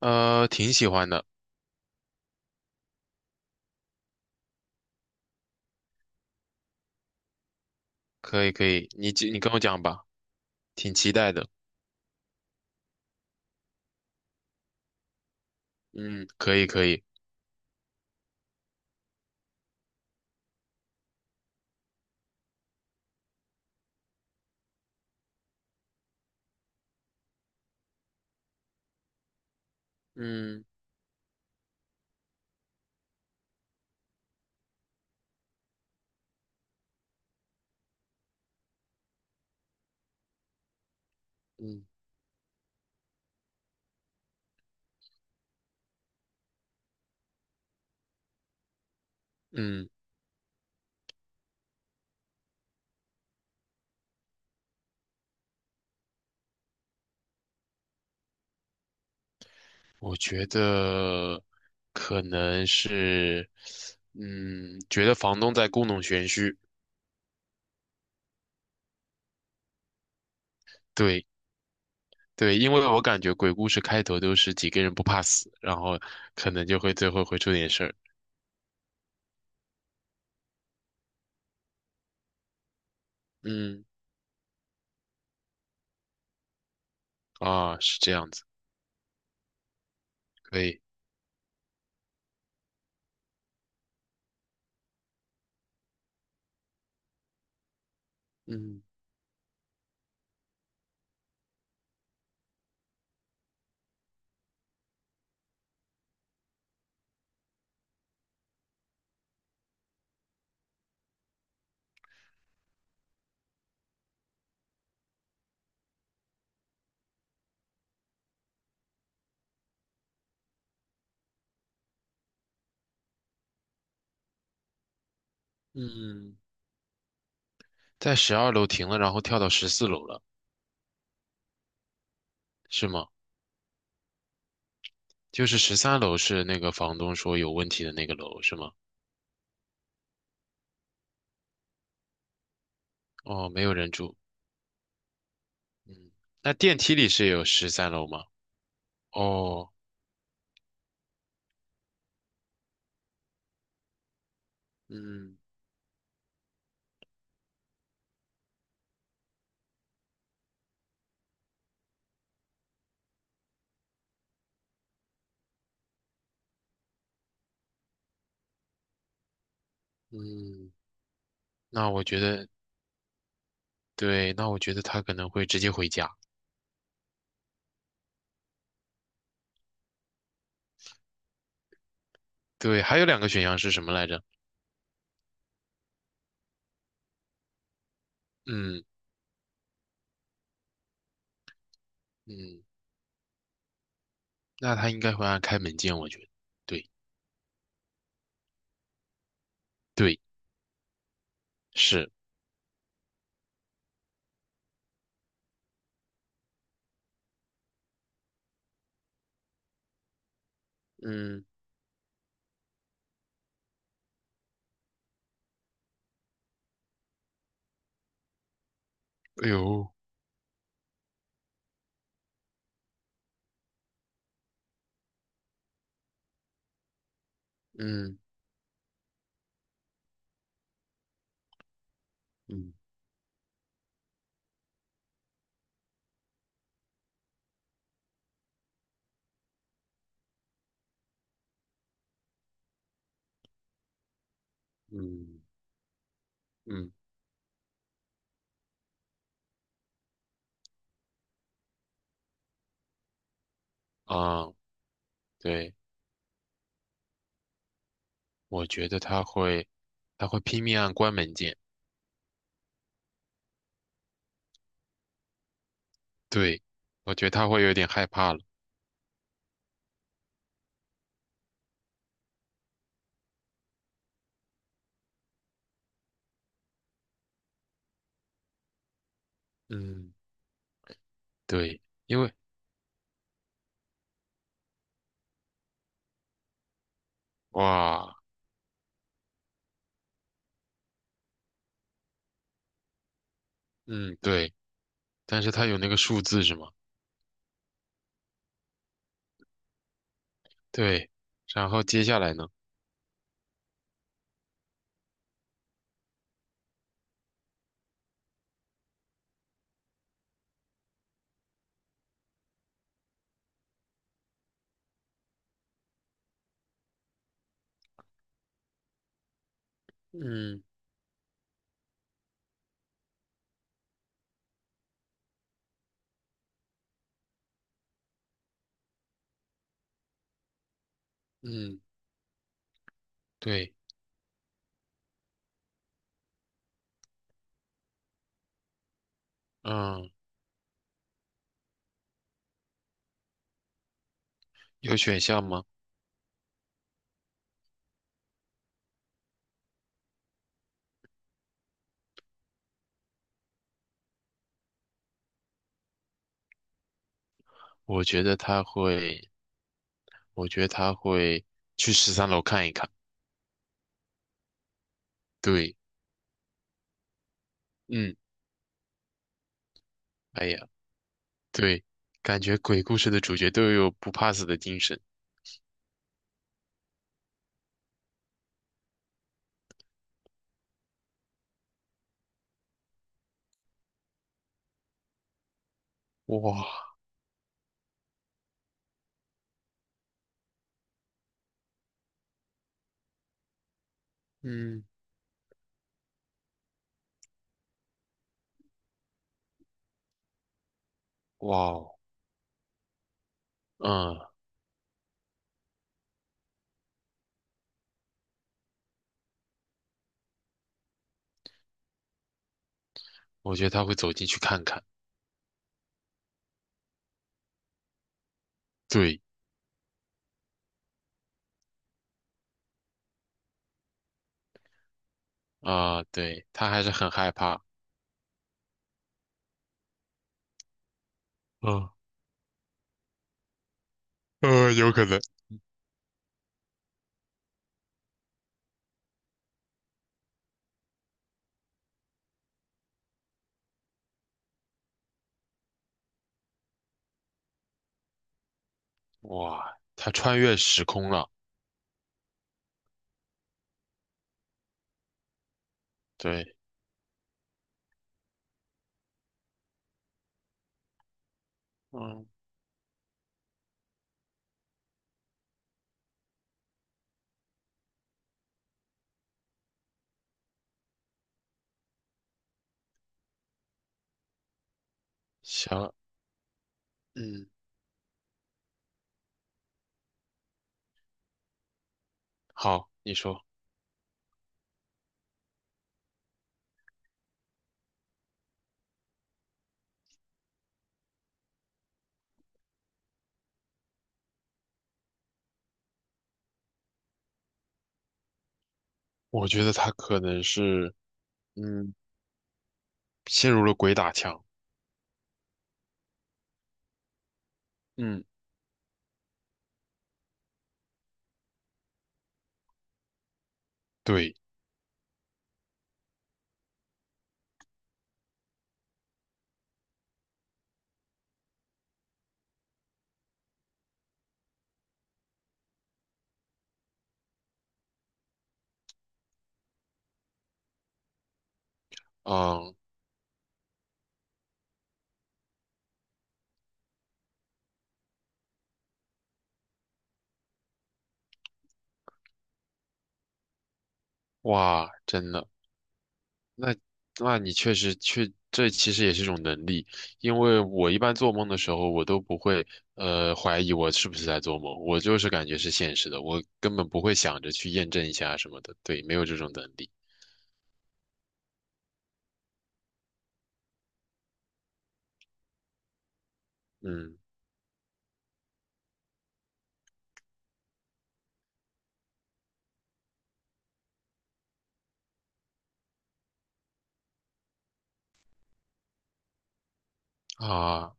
挺喜欢的。可以可以，你跟我讲吧。挺期待的。嗯，可以可以。嗯嗯嗯，我觉得可能是，嗯，觉得房东在故弄玄虚。对对，因为我感觉鬼故事开头都是几个人不怕死，然后可能就会最后会出点事儿。嗯啊，是这样子，可以。嗯嗯，在12楼停了，然后跳到14楼了，是吗？就是十三楼是那个房东说有问题的那个楼是吗？哦，没有人住。嗯，那电梯里是有十三楼吗？哦，嗯嗯，那我觉得对，那我觉得他可能会直接回家。对，还有两个选项是什么来着？嗯嗯，那他应该会按开门键，我觉得。对对是。嗯，哎呦。嗯嗯嗯嗯啊，对，我觉得他会，他会拼命按关门键。对，我觉得他会有点害怕了。嗯，对，因为哇，嗯，对，但是他有那个数字是吗？对，然后接下来呢？嗯嗯，对，嗯，有选项吗？我觉得他会，我觉得他会去十三楼看一看。对，嗯，哎呀，对，感觉鬼故事的主角都有不怕死的精神。哇，嗯，哇哦，嗯，我觉得他会走进去看看。对。啊、对，他还是很害怕。嗯，有可能。哇，他穿越时空了。对，嗯，行，嗯，好，你说。我觉得他可能是，嗯，陷入了鬼打墙。嗯，对，嗯，哇，真的。那那你确实确，这其实也是一种能力，因为我一般做梦的时候，我都不会怀疑我是不是在做梦，我就是感觉是现实的，我根本不会想着去验证一下什么的，对，没有这种能力。嗯啊，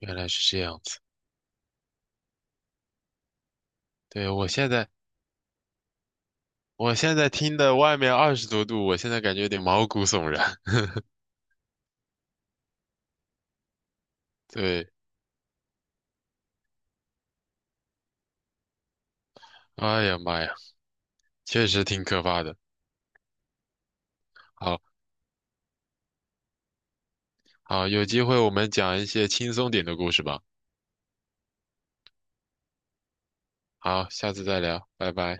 原来是这样子。对，我现在听的外面20多度，我现在感觉有点毛骨悚然。对，哎呀妈呀，确实挺可怕的。好好，有机会我们讲一些轻松点的故事吧。好，下次再聊，拜拜。